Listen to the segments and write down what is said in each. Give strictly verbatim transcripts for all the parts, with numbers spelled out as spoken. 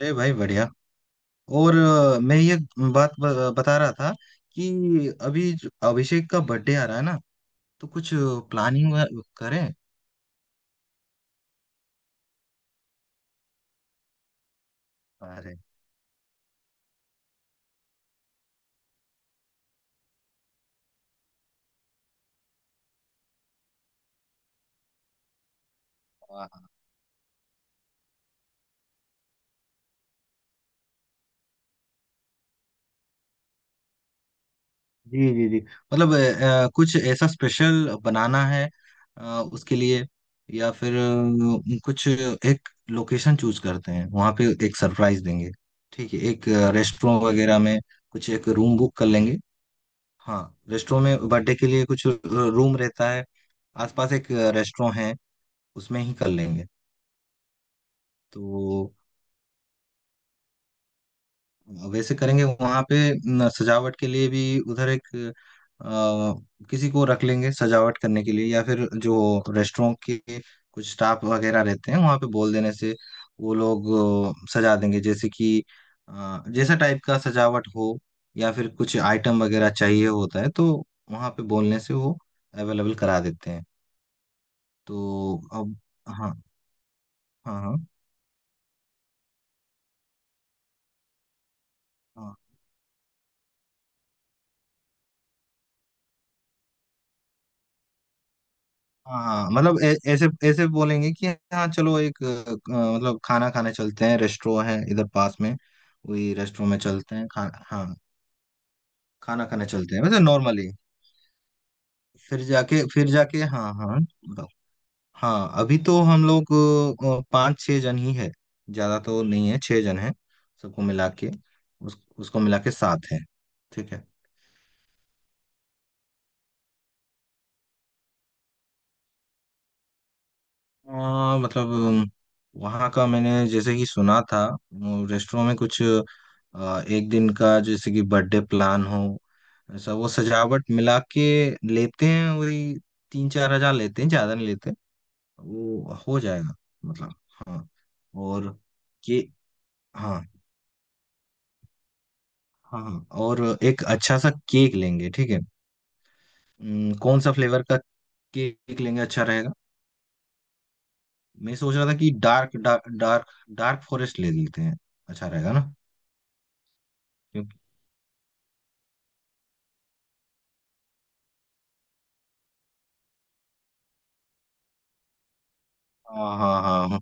अरे भाई बढ़िया। और अ, मैं ये बात ब- बता रहा था कि अभी जो अभिषेक का बर्थडे आ रहा है ना, तो कुछ प्लानिंग करें। अरे वाह। जी जी जी। मतलब अ, अ, कुछ ऐसा स्पेशल बनाना है अ, उसके लिए। या फिर अ, कुछ एक लोकेशन चूज करते हैं वहां पे एक सरप्राइज देंगे। ठीक है, एक रेस्टोरेंट वगैरह में कुछ एक रूम बुक कर लेंगे। हाँ। रेस्टोरेंट में बर्थडे के लिए कुछ रूम रहता है, आसपास एक रेस्टोरेंट है, उसमें ही कर लेंगे। तो वैसे करेंगे वहां पे। न, सजावट के लिए भी उधर एक अ, किसी को रख लेंगे सजावट करने के लिए, या फिर जो रेस्टोरेंट के कुछ स्टाफ वगैरह रहते हैं वहां पे बोल देने से, वो लोग अ, सजा देंगे। जैसे कि अ, जैसा टाइप का सजावट हो, या फिर कुछ आइटम वगैरह चाहिए होता है तो वहां पे बोलने से वो अवेलेबल करा देते हैं। तो अब। हाँ हाँ हाँ हाँ। हाँ हाँ, मतलब ऐ- ऐसे ऐसे बोलेंगे कि हाँ, चलो एक, अ, मतलब खाना खाने चलते हैं, रेस्टोरेंट है इधर पास में। वही रेस्टोरेंट में चलते हैं, खा, हाँ, खाना खाने चलते हैं, वैसे नॉर्मली। फिर जाके फिर जाके हाँ हाँ, बताओ। हाँ, अभी तो हम लोग अ, पाँच छः जन ही है, ज्यादा तो नहीं है, छः जन है, सबको मिला के उस, उसको मिला के सात है, ठीक है। आ, मतलब वहाँ का मैंने जैसे कि सुना था, रेस्टोरेंट में कुछ आ, एक दिन का जैसे कि बर्थडे प्लान हो ऐसा, वो सजावट मिला के लेते हैं वही तीन चार हजार, लेते हैं ज्यादा नहीं लेते। वो हो जाएगा। मतलब। हाँ। और के। हाँ। हाँ हाँ, और एक अच्छा सा केक लेंगे, ठीक है। हम्म, कौन सा फ्लेवर का केक लेंगे अच्छा रहेगा? मैं सोच रहा था कि dark dark dark dark forest ले लेते हैं, अच्छा रहेगा ना। हाँ हाँ हाँ हाँ।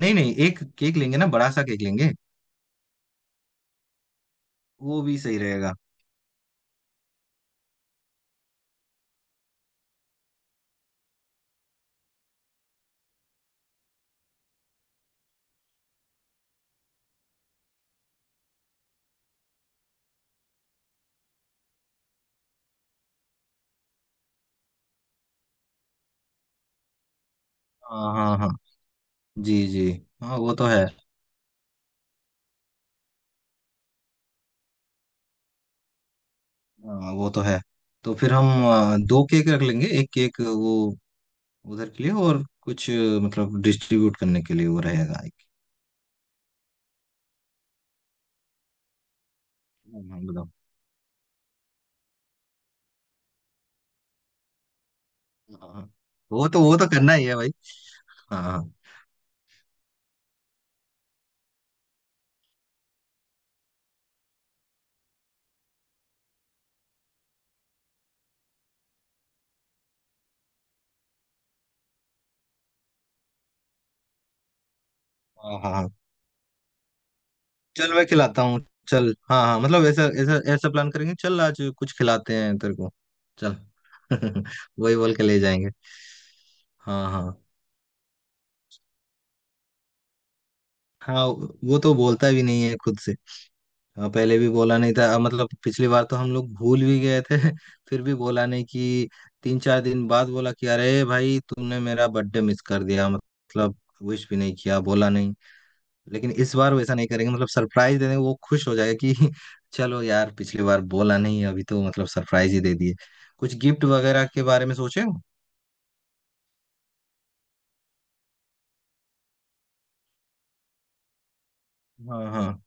नहीं नहीं, एक केक लेंगे ना, बड़ा सा केक लेंगे। वो भी सही रहेगा। हाँ हाँ हाँ। जी जी। हाँ वो तो है। हाँ वो तो है। तो फिर हम आ, दो केक रख लेंगे, एक केक वो उधर के लिए और कुछ आ, मतलब डिस्ट्रीब्यूट करने के लिए वो रहेगा एक। हाँ हाँ, बताओ। हाँ हाँ। हाँ। वो तो वो तो करना ही है भाई। हाँ हाँ हाँ हाँ हाँ। चल, मैं खिलाता हूँ। चल, हाँ हाँ, मतलब ऐसा ऐसा ऐसा प्लान करेंगे, चल आज कुछ खिलाते हैं तेरे को, चल। वही बोल के ले जाएंगे। हाँ हाँ हाँ, वो तो बोलता भी नहीं है खुद से। हाँ, पहले भी बोला नहीं था, मतलब पिछली बार तो हम लोग भूल भी गए थे फिर भी बोला नहीं कि तीन चार दिन बाद बोला कि अरे भाई, तुमने मेरा बर्थडे मिस कर दिया, मतलब विश भी नहीं किया, बोला नहीं। लेकिन इस बार वैसा नहीं करेंगे, मतलब सरप्राइज दे देंगे, वो खुश हो जाएगा कि चलो यार, पिछली बार बोला नहीं, अभी तो मतलब सरप्राइज ही दे दिए। कुछ गिफ्ट वगैरह के बारे में सोचे हो? हाँ हाँ।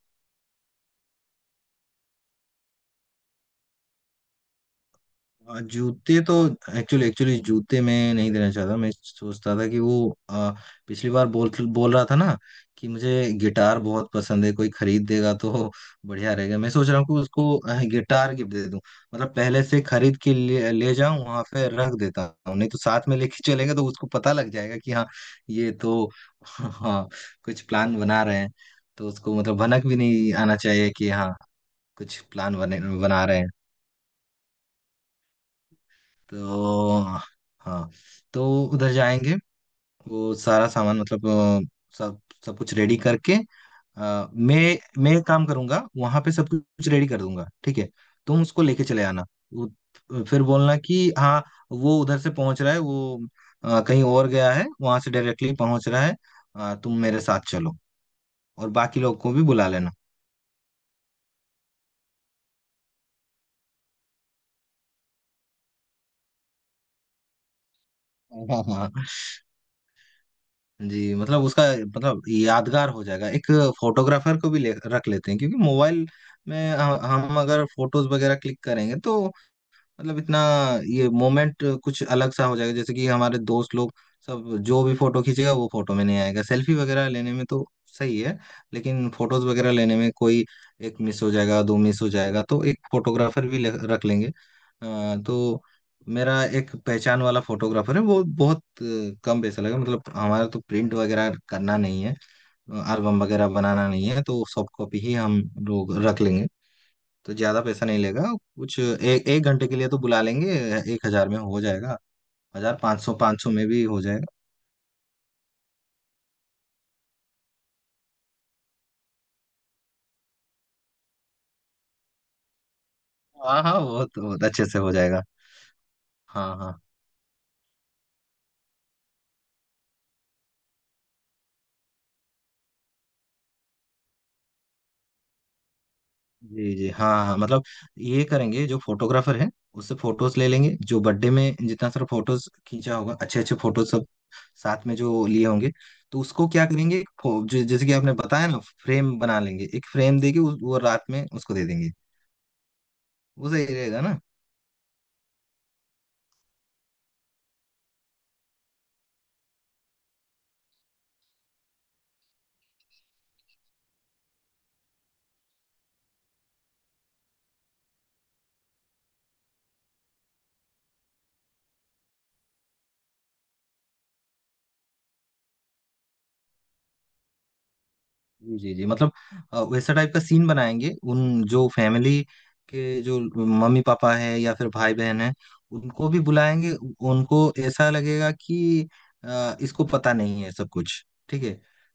आ, जूते तो, एक्चुअली एक्चुअली जूते मैं नहीं देना चाहता, मैं सोचता था कि वो, आ, पिछली बार बोल बोल रहा था ना कि मुझे गिटार बहुत पसंद है, कोई खरीद देगा तो बढ़िया रहेगा। मैं सोच रहा हूँ कि उसको आ, गिटार गिफ्ट दे दूं, मतलब पहले से खरीद के ले, ले जाऊं वहां पे रख देता हूँ, नहीं तो साथ में लेके चलेंगे तो उसको पता लग जाएगा कि हाँ, ये तो हाँ, कुछ प्लान बना रहे हैं तो उसको मतलब भनक भी नहीं आना चाहिए कि हाँ, कुछ प्लान बने बना रहे हैं। तो हाँ, तो उधर जाएंगे, वो सारा सामान मतलब अ, सब सब कुछ रेडी करके, अ, मैं मैं एक काम करूंगा, वहां पे सब कुछ रेडी कर दूंगा, ठीक है। तुम उसको लेके चले आना, वो- फिर बोलना कि हाँ, वो उधर से पहुंच रहा है, वो अ, कहीं और गया है, वहां से डायरेक्टली पहुंच रहा है। अ, तुम मेरे साथ चलो और बाकी लोग को भी बुला लेना। हाँ हाँ, जी मतलब उसका, मतलब यादगार हो जाएगा एक। फोटोग्राफर को भी ले, रख लेते हैं, क्योंकि मोबाइल में ह- हम अगर फोटोज वगैरह क्लिक करेंगे तो, मतलब इतना, ये मोमेंट कुछ अलग सा हो जाएगा। जैसे कि हमारे दोस्त लोग सब जो भी फोटो खींचेगा वो फोटो में नहीं आएगा, सेल्फी वगैरह लेने में तो सही है, लेकिन फोटोज वगैरह लेने में कोई एक मिस हो जाएगा, दो मिस हो जाएगा, तो एक फोटोग्राफर भी ले- रख लेंगे। अ, तो मेरा एक पहचान वाला फोटोग्राफर है, वो बहुत अ, कम पैसा लगेगा, मतलब हमारा तो प्रिंट वगैरह करना नहीं है, एल्बम वगैरह बनाना नहीं है, तो सॉफ्ट कॉपी ही हम लोग रख लेंगे, तो ज्यादा पैसा नहीं लेगा। कुछ एक एक घंटे के लिए तो बुला लेंगे, एक हजार में हो जाएगा, हजार पाँच सौ पाँच सौ में भी हो जाएगा। हाँ हाँ, बहुत बहुत अच्छे से हो जाएगा। हाँ हाँ। जी जी। हाँ हाँ, मतलब ये करेंगे, जो फोटोग्राफर है उससे फोटोज ले लेंगे, जो बर्थडे में जितना सारा फोटोज खींचा होगा, अच्छे अच्छे फोटोज सब साथ में जो लिए होंगे, तो उसको क्या करेंगे एक फो- जो- जैसे कि आपने बताया ना, फ्रेम बना लेंगे, एक फ्रेम देके उस- वो रात में उसको दे देंगे, वो सही रहेगा ना। जी जी मतलब अ, वैसा टाइप का सीन बनाएंगे, उन जो फैमिली के जो मम्मी पापा है या फिर भाई बहन है, उनको भी बुलाएंगे। उनको ऐसा लगेगा कि अ, इसको पता नहीं है सब कुछ, ठीक है।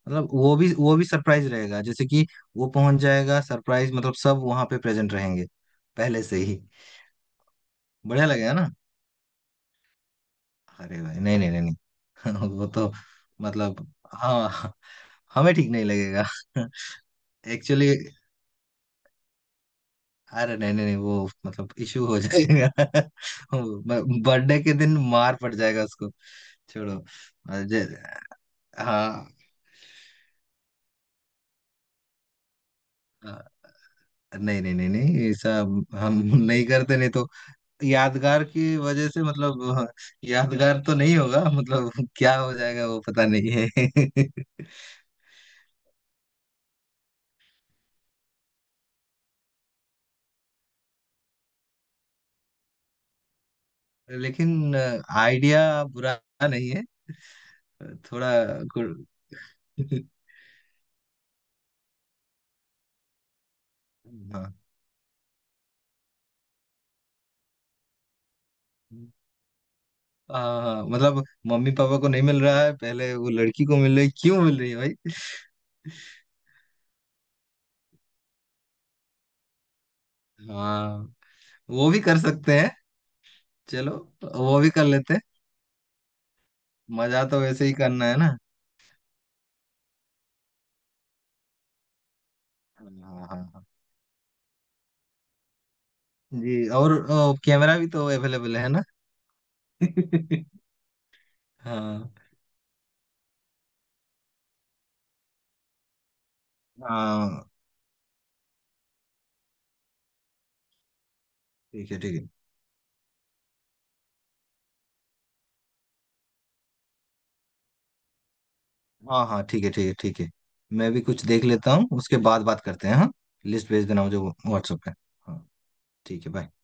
मतलब वो भी वो भी सरप्राइज रहेगा, जैसे कि वो पहुंच जाएगा सरप्राइज, मतलब सब वहां पे प्रेजेंट रहेंगे पहले से ही, बढ़िया लगेगा ना। अरे भाई नहीं नहीं नहीं नहीं वो तो मतलब, हाँ, हमें ठीक नहीं लगेगा। एक्चुअली, अरे नहीं नहीं नहीं, वो मतलब इशू हो जाएगा। बर्थडे के दिन मार पड़ जाएगा उसको, छोड़ो। अ, जे- हाँ, अ, नहीं नहीं नहीं नहीं, ऐसा हम नहीं करते नहीं तो, यादगार की वजह से मतलब अ, यादगार तो नहीं होगा, मतलब क्या हो जाएगा वो पता नहीं है। लेकिन आइडिया बुरा नहीं है, थोड़ा गुड। हाँ हाँ हाँ, मतलब मम्मी पापा को नहीं मिल रहा है पहले, वो लड़की को मिल रही, क्यों मिल रही है भाई। हाँ, वो भी कर सकते हैं। चलो, वो भी कर लेते हैं, मजा तो वैसे ही करना है ना। हाँ हाँ हाँ। जी, और ओ, कैमरा भी तो अवेलेबल है ना। हाँ हाँ, ठीक है ठीक है। हाँ हाँ, ठीक है ठीक है ठीक है। मैं भी कुछ देख लेता हूँ उसके बाद बात करते हैं, हाँ। लिस्ट भेज देना मुझे व्हाट्सएप पे। हाँ, ठीक है, बाय।